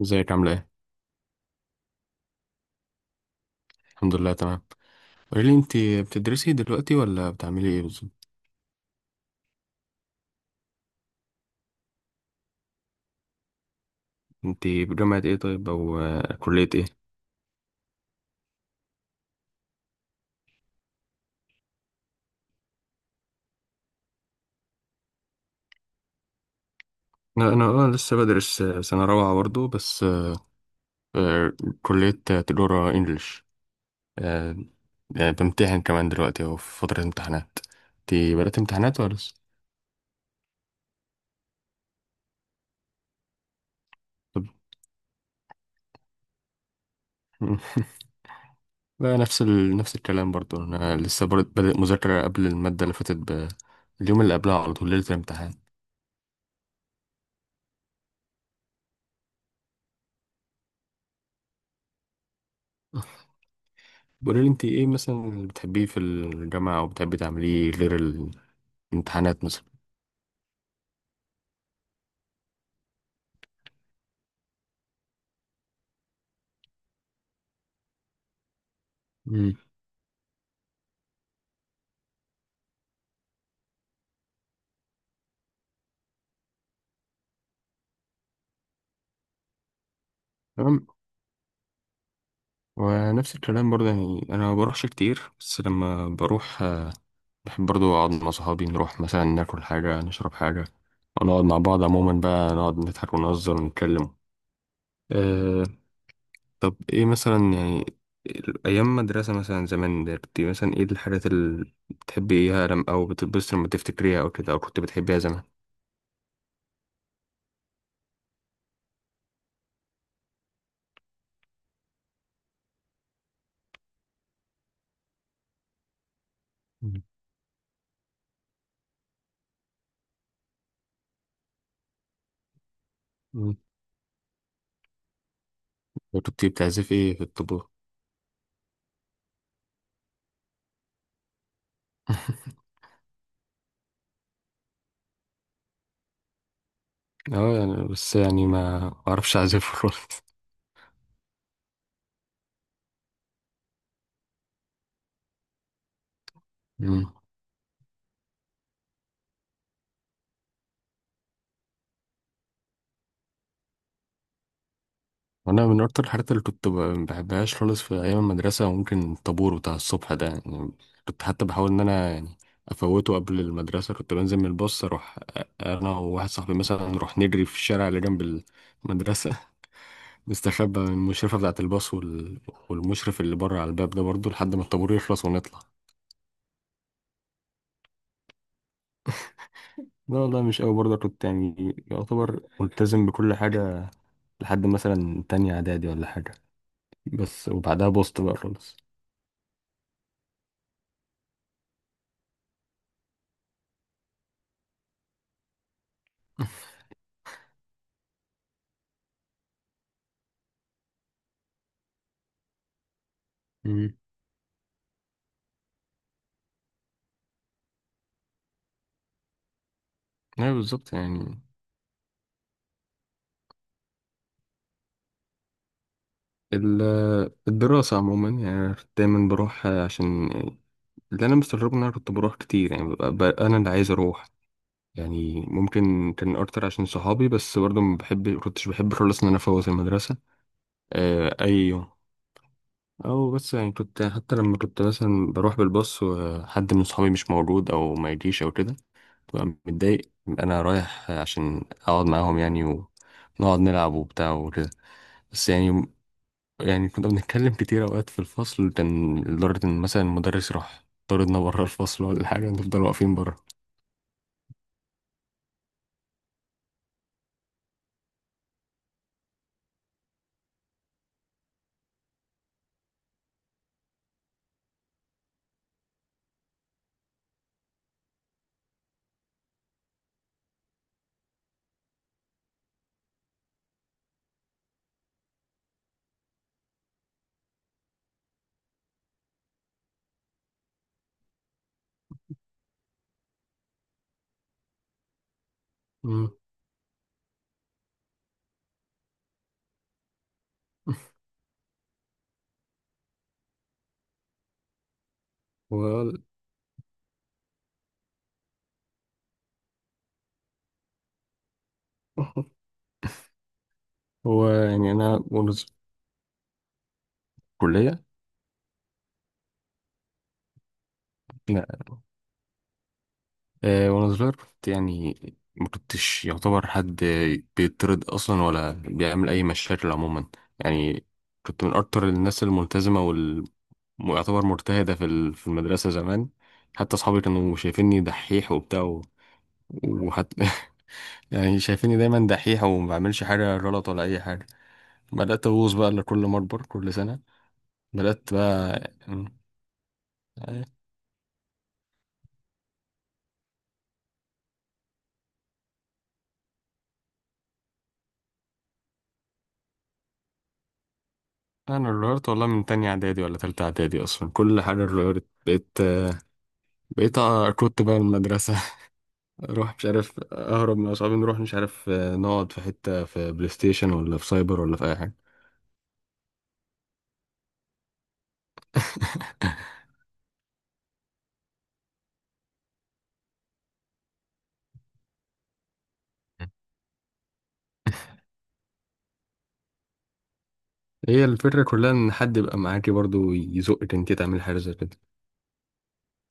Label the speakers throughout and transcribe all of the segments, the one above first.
Speaker 1: ازيك عاملة ايه؟ الحمد لله. تمام. قولي لي انت بتدرسي دلوقتي ولا بتعملي ايه بالظبط؟ انت بجامعة ايه طيب او كلية ايه؟ انا لسه بدرس سنة رابعة برضه بس آه، كلية تجارة انجلش. آه، بمتحن كمان دلوقتي اهو في فترة امتحانات. انت بدأت امتحانات ولا لسه؟ طب مم. لا. نفس نفس الكلام برضه، انا لسه برضه بادئ مذاكرة قبل المادة اللي فاتت اليوم اللي قبلها على طول ليلة الامتحان. بقولي لي انت ايه مثلا اللي بتحبيه في الجامعة او بتحبي تعمليه غير الامتحانات مثلا. مم. تمام. ونفس الكلام برضه، يعني انا ما بروحش كتير بس لما بروح بحب برضه اقعد مع صحابي نروح مثلا ناكل حاجة نشرب حاجة ونقعد مع بعض عموما بقى نقعد نضحك ونهزر ونتكلم. أه. طب ايه مثلا يعني، ايام مدرسة مثلا زمان، كنت مثلا ايه الحاجات اللي بتحبيها لم او بتتبسط لما تفتكريها او كده او كنت بتحبيها زمان؟ مم. وانت بتعزف ايه، في الطبلة؟ اه يعني بس يعني ما اعرفش اعزفه خالص. مم. وانا من اكتر الحاجات اللي كنت ما بحبهاش خالص في ايام المدرسه ممكن الطابور بتاع الصبح ده يعني. كنت حتى بحاول ان انا يعني افوته قبل المدرسه. كنت بنزل من الباص اروح انا وواحد صاحبي مثلا نروح نجري في الشارع اللي جنب المدرسه. نستخبى من المشرفه بتاعه الباص والمشرف اللي بره على الباب ده برضه لحد ما الطابور يخلص ونطلع. لا والله، مش قوي برضه، كنت يعني يعتبر ملتزم بكل حاجة لحد مثلا تانية اعدادي ولا حاجة، بس وبعدها بوست بقى خالص. امم، ايوه بالظبط يعني. ال- الدراسة عموما يعني دايما بروح عشان. اللي أنا مستغربه إن أنا كنت بروح كتير، يعني ببقى أنا اللي عايز أروح. يعني ممكن كان أكتر عشان صحابي بس برضه ما بحب كنتش بحب خالص إن أنا أفوت المدرسة أي يوم. او بس يعني، كنت حتى لما كنت مثلا بروح بالباص وحد من صحابي مش موجود او ما يجيش او كده، ببقى متضايق انا رايح عشان اقعد معاهم يعني ونقعد نلعب وبتاع وكده. بس يعني، يعني كنا بنتكلم كتير اوقات في الفصل، كان لدرجة ان مثلا المدرس راح طردنا بره الفصل ولا حاجة نفضل واقفين بره. مم. هو هو يعني انا وأنا في الكلية. لا. وانا صغير كنت يعني ما كنتش يعتبر حد بيطرد اصلا ولا بيعمل اي مشاكل عموما يعني. كنت من اكتر الناس الملتزمه ويعتبر مرتهده في في المدرسه زمان. حتى اصحابي كانوا شايفيني دحيح وبتاع وحتى يعني شايفيني دايما دحيح وما بعملش حاجه غلط ولا اي حاجه. بدات ابوظ بقى لكل ما اكبر كل سنه. بدات بقى يعني. آه، انا اتغيرت والله من تانية اعدادي ولا تالتة اعدادي اصلا، كل حاجه اتغيرت. بقيت كنت بقى من المدرسة اروح مش عارف اهرب من اصحابي نروح مش عارف نقعد في حتة في بلاي ستيشن ولا في سايبر ولا في اي حاجة. هي الفكرة كلها ان حد يبقى معاكي برضو يزقك انت تعمل حاجة زي كده.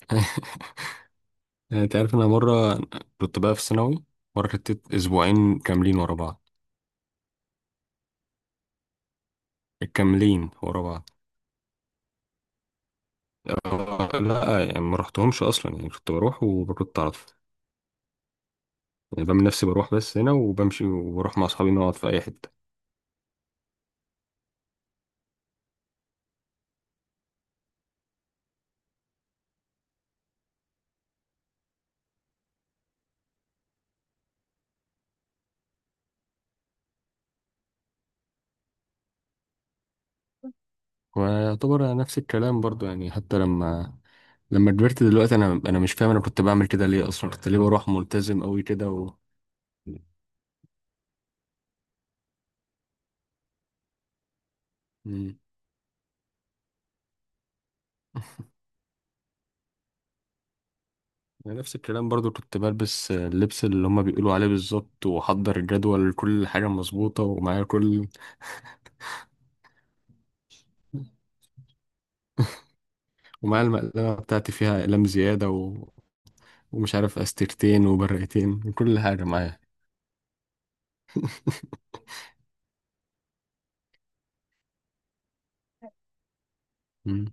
Speaker 1: يعني انت عارف، انا مرة كنت بقى في ثانوي، مرة خدت اسبوعين كاملين ورا بعض، كاملين ورا بعض. لا يعني ما رحتهمش اصلا يعني كنت بروح وكنت اعرف، يعني بعمل نفسي بروح بس هنا وبمشي وبروح مع اصحابي نقعد في اي حتة. ويعتبر أنا نفس الكلام برضو يعني، حتى لما كبرت دلوقتي انا مش فاهم انا كنت بعمل كده ليه اصلا، كنت ليه بروح ملتزم قوي كده مم. أنا نفس الكلام برضو كنت بلبس اللبس اللي هما بيقولوا عليه بالظبط، واحضر الجدول كل حاجة مظبوطة، ومعايا كل ومعايا المقلمة بتاعتي فيها أقلام زيادة ومش عارف أستيرتين وبرقتين، كل حاجة معايا. مم.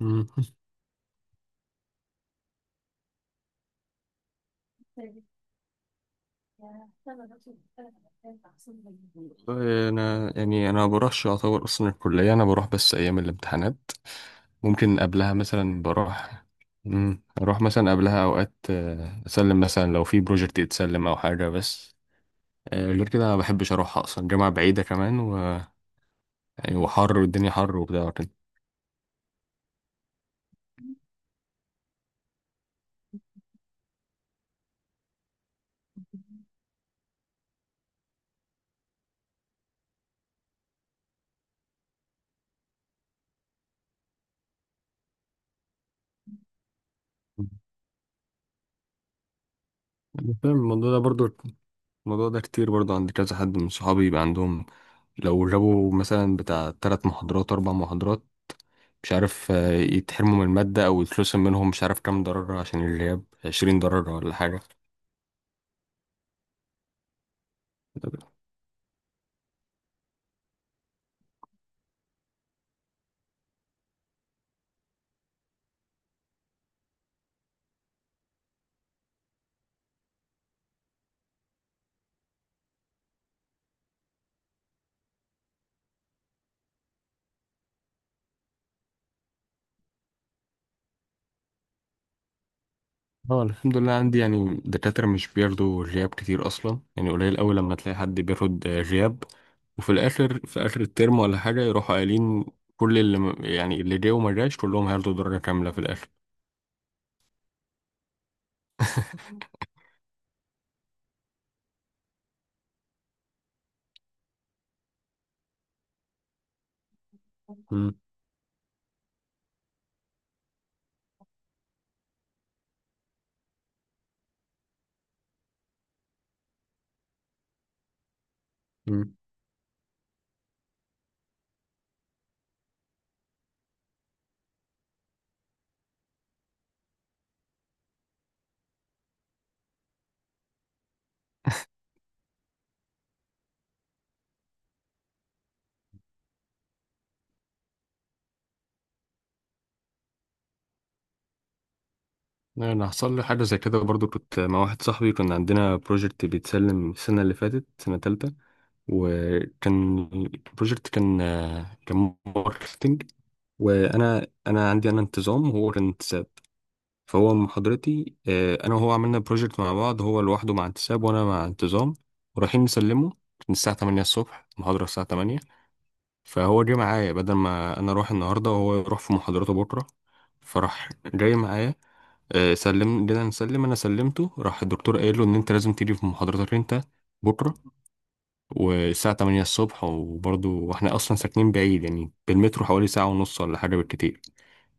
Speaker 1: مم. والله انا يعني انا ما بروحش اعتبر اصلا الكليه، انا بروح بس ايام الامتحانات ممكن قبلها مثلا بروح. اروح مثلا قبلها اوقات اسلم مثلا لو في بروجكت يتسلم او حاجه بس. غير كده انا ما بحبش اروح اصلا، الجامعه بعيده كمان يعني وحر والدنيا حر وبتاع وكده. مم. أنا فاهم الموضوع ده برضو. الموضوع ده كتير برضو عند كذا حد من صحابي يبقى عندهم لو جابوا مثلا بتاع تلات محاضرات أربع محاضرات، مش عارف يتحرموا من المادة أو يترسم منهم مش عارف كام ضرر عشان الغياب 20 ضرر ولا حاجة. اه الحمد لله، عندي يعني دكاترة مش بياخدوا غياب كتير أصلا، يعني قليل أوي لما تلاقي حد بياخد غياب. وفي الآخر في آخر الترم ولا حاجة يروحوا قايلين كل اللي يعني اللي جه وما جاش كلهم هياخدوا درجة كاملة في الآخر. مم. مم. أنا حصل لي حاجة زي كده برضو. كنت مع واحد صاحبي كنا عندنا بروجكت بيتسلم السنة اللي فاتت سنة تالتة، وكان البروجكت كان ماركتنج. وانا عندي انا انتظام وهو كان انتساب. فهو محاضرتي انا وهو عملنا بروجكت مع بعض، هو لوحده مع انتساب وانا مع انتظام. ورايحين نسلمه من الساعة 8 الصبح، المحاضرة الساعة 8. فهو جه معايا بدل ما انا اروح النهارده وهو يروح في محاضرته بكرة، فراح جاي معايا سلم، جينا نسلم، انا سلمته، راح الدكتور قايل له ان انت لازم تيجي في محاضرتك انت بكرة والساعة 8 الصبح. وبرضه واحنا أصلا ساكنين بعيد يعني بالمترو حوالي ساعة ونص ولا حاجة بالكتير،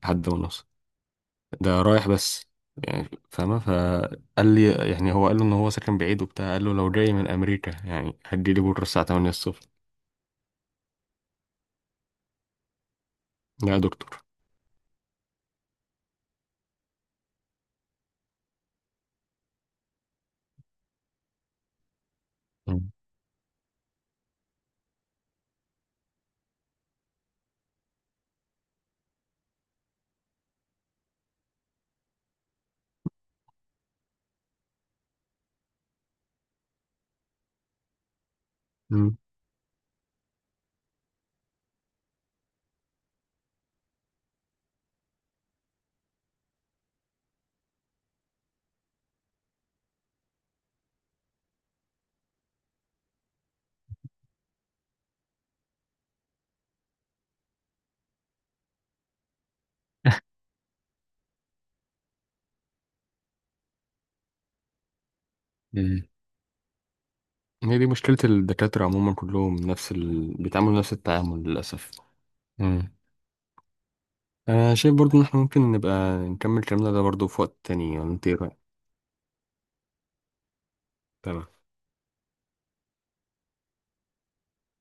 Speaker 1: لحد ونص ده رايح بس. يعني فاهمة؟ فقال لي يعني هو قال له إن هو ساكن بعيد وبتاع، قال له لو جاي من أمريكا يعني هدي لي بكرة الساعة 8 الصبح. لا يا دكتور. مم. مم. مم. هي دي مشكلة الدكاترة عموما كلهم نفس بيتعاملوا نفس التعامل للأسف. مم. أنا شايف برضو إن إحنا ممكن نبقى نكمل كلامنا ده برضو في وقت تاني، ولا أنت إيه رأيك؟ تمام.